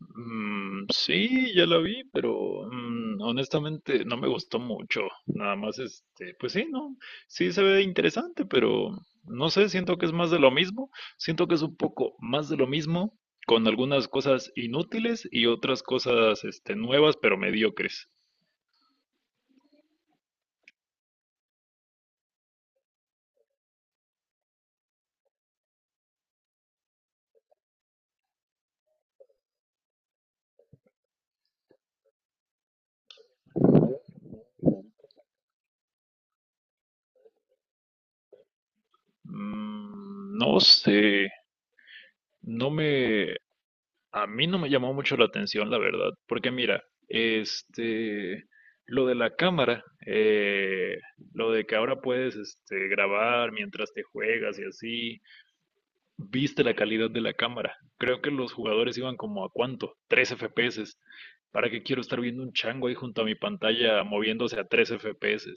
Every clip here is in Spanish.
Sí, ya la vi, pero honestamente no me gustó mucho. Nada más, pues sí, no, sí se ve interesante, pero no sé, siento que es más de lo mismo. Siento que es un poco más de lo mismo, con algunas cosas inútiles y otras cosas, nuevas, pero mediocres. No sé, no me, a mí no me llamó mucho la atención, la verdad, porque mira, este, lo de la cámara, lo de que ahora puedes, grabar mientras te juegas y así, viste la calidad de la cámara. Creo que los jugadores iban como a cuánto, 3 FPS. ¿Para qué quiero estar viendo un chango ahí junto a mi pantalla moviéndose a 3 FPS?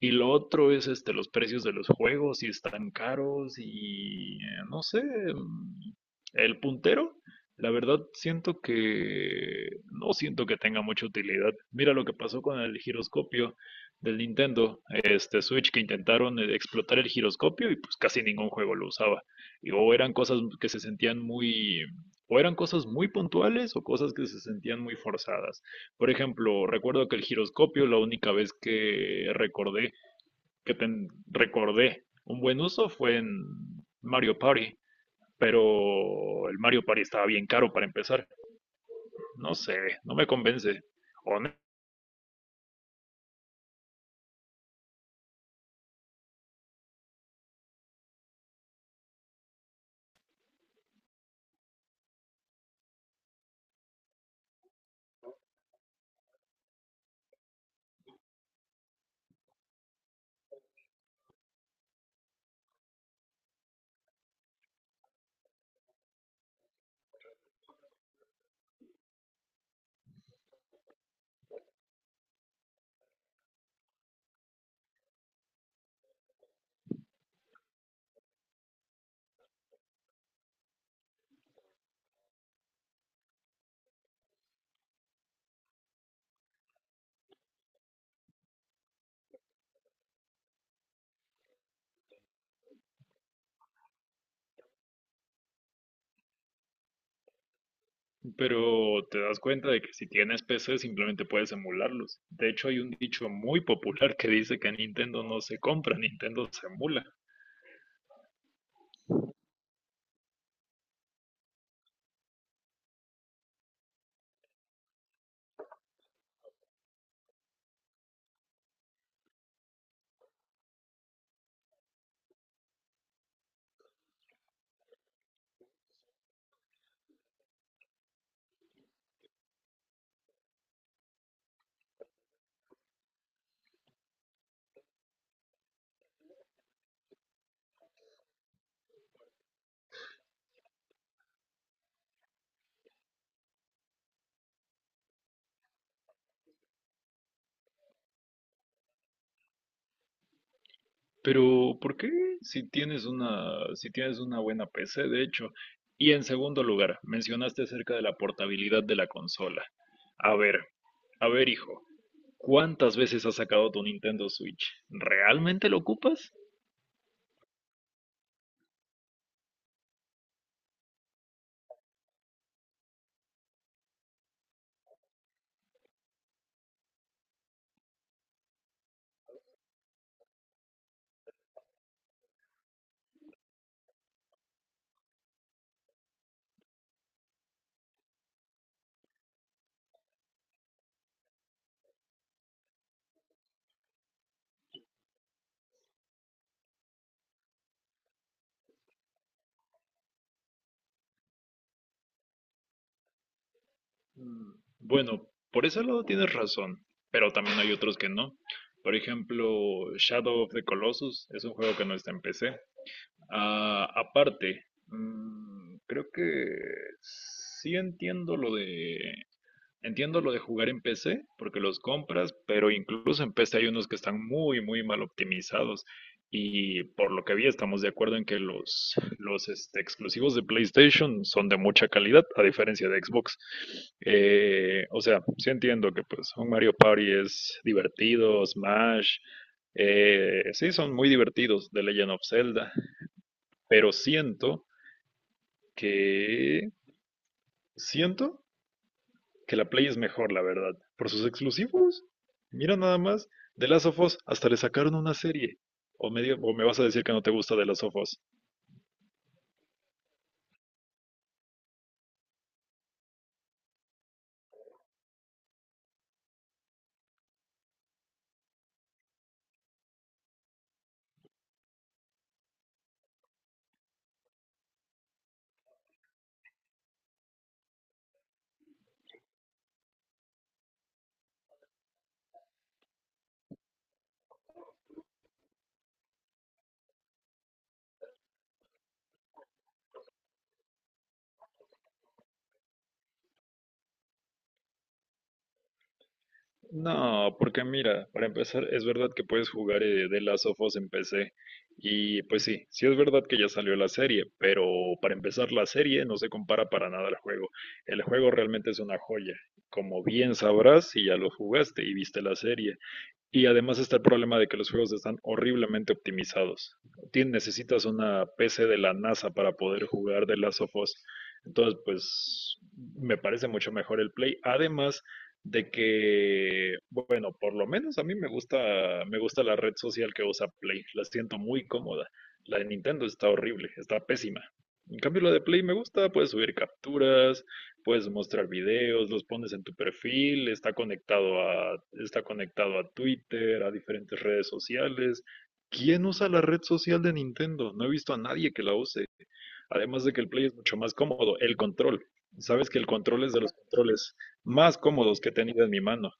Y lo otro es los precios de los juegos, si están caros y no sé, el puntero, la verdad siento que no siento que tenga mucha utilidad. Mira lo que pasó con el giroscopio del Nintendo, este Switch, que intentaron explotar el giroscopio y pues casi ningún juego lo usaba. Y o eran cosas muy puntuales o cosas que se sentían muy forzadas. Por ejemplo, recuerdo que el giroscopio, la única vez que recordé que te recordé un buen uso fue en Mario Party, pero el Mario Party estaba bien caro para empezar. No sé, no me convence. O no, pero te das cuenta de que si tienes PC simplemente puedes emularlos. De hecho, hay un dicho muy popular que dice que Nintendo no se compra, Nintendo se emula. Pero ¿por qué? Si tienes una, si tienes una buena PC, de hecho. Y en segundo lugar, mencionaste acerca de la portabilidad de la consola. A ver, a ver, hijo, ¿cuántas veces has sacado tu Nintendo Switch? ¿Realmente lo ocupas? Mm, Bueno, por ese lado tienes razón, pero también hay otros que no. Por ejemplo, Shadow of the Colossus es un juego que no está en PC. Ah, aparte, creo que sí entiendo lo de entiendo lo de jugar en PC, porque los compras, pero incluso en PC hay unos que están muy, muy mal optimizados. Y por lo que vi, estamos de acuerdo en que los exclusivos de PlayStation son de mucha calidad, a diferencia de Xbox. O sea, sí entiendo que pues un Mario Party es divertido, Smash, sí son muy divertidos The Legend of Zelda, pero que siento que la Play es mejor, la verdad. Por sus exclusivos. Mira nada más. De Last of Us hasta le sacaron una serie. O me vas a decir que no te gusta de Last of Us. No, porque mira, para empezar, es verdad que puedes jugar de The Last of Us en PC. Y pues sí, sí es verdad que ya salió la serie, pero para empezar la serie no se compara para nada al juego. El juego realmente es una joya. Como bien sabrás si ya lo jugaste y viste la serie. Y además está el problema de que los juegos están horriblemente optimizados. Necesitas una PC de la NASA para poder jugar The Last of Us. Entonces, pues me parece mucho mejor el Play. Además de que, bueno, por lo menos a mí me gusta la red social que usa Play. La siento muy cómoda. La de Nintendo está horrible, está pésima. En cambio, la de Play me gusta, puedes subir capturas, puedes mostrar videos, los pones en tu perfil, está conectado a Twitter, a diferentes redes sociales. ¿Quién usa la red social de Nintendo? No he visto a nadie que la use. Además de que el Play es mucho más cómodo, el control. Sabes que el control es de los controles más cómodos que he tenido en mi mano.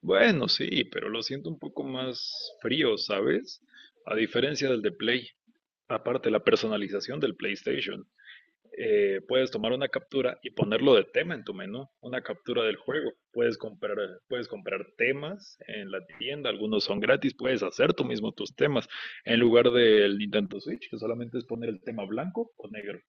Bueno, sí, pero lo siento un poco más frío, ¿sabes? A diferencia del de Play. Aparte, la personalización del PlayStation. Puedes tomar una captura y ponerlo de tema en tu menú, una captura del juego. Puedes comprar temas en la tienda, algunos son gratis, puedes hacer tú mismo tus temas en lugar del Nintendo Switch, que solamente es poner el tema blanco o negro.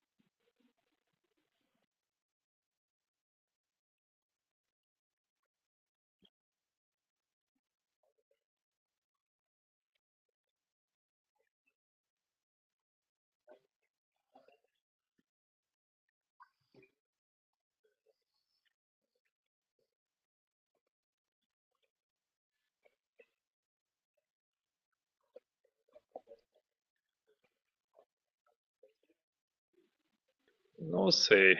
No sé,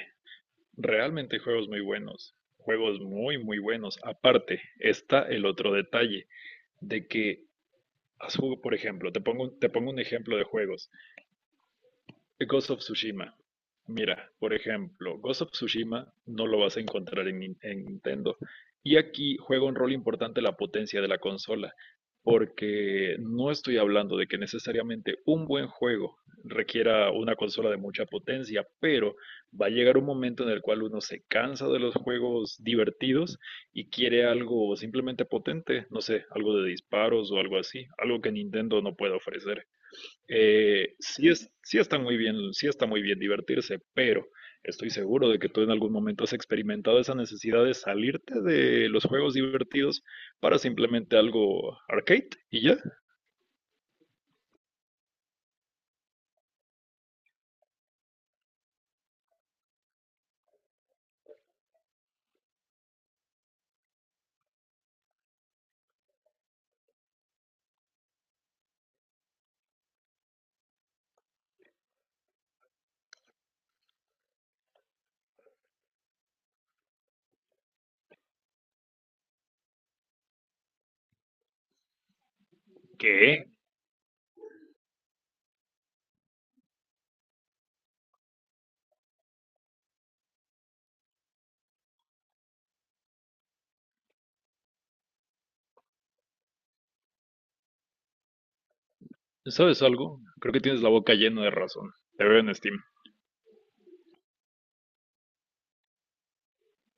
realmente hay juegos muy buenos, juegos muy, muy buenos. Aparte, está el otro detalle de que, por ejemplo, te pongo un ejemplo de juegos. Ghost of Tsushima. Mira, por ejemplo, Ghost of Tsushima no lo vas a encontrar en, en Nintendo. Y aquí juega un rol importante la potencia de la consola, porque no estoy hablando de que necesariamente un buen juego requiera una consola de mucha potencia, pero va a llegar un momento en el cual uno se cansa de los juegos divertidos y quiere algo simplemente potente, no sé, algo de disparos o algo así, algo que Nintendo no puede ofrecer. Sí está muy bien, sí está muy bien divertirse, pero estoy seguro de que tú en algún momento has experimentado esa necesidad de salirte de los juegos divertidos para simplemente algo arcade y ya. ¿Qué? ¿Sabes algo? Creo que tienes la boca llena de razón. Te veo en Steam.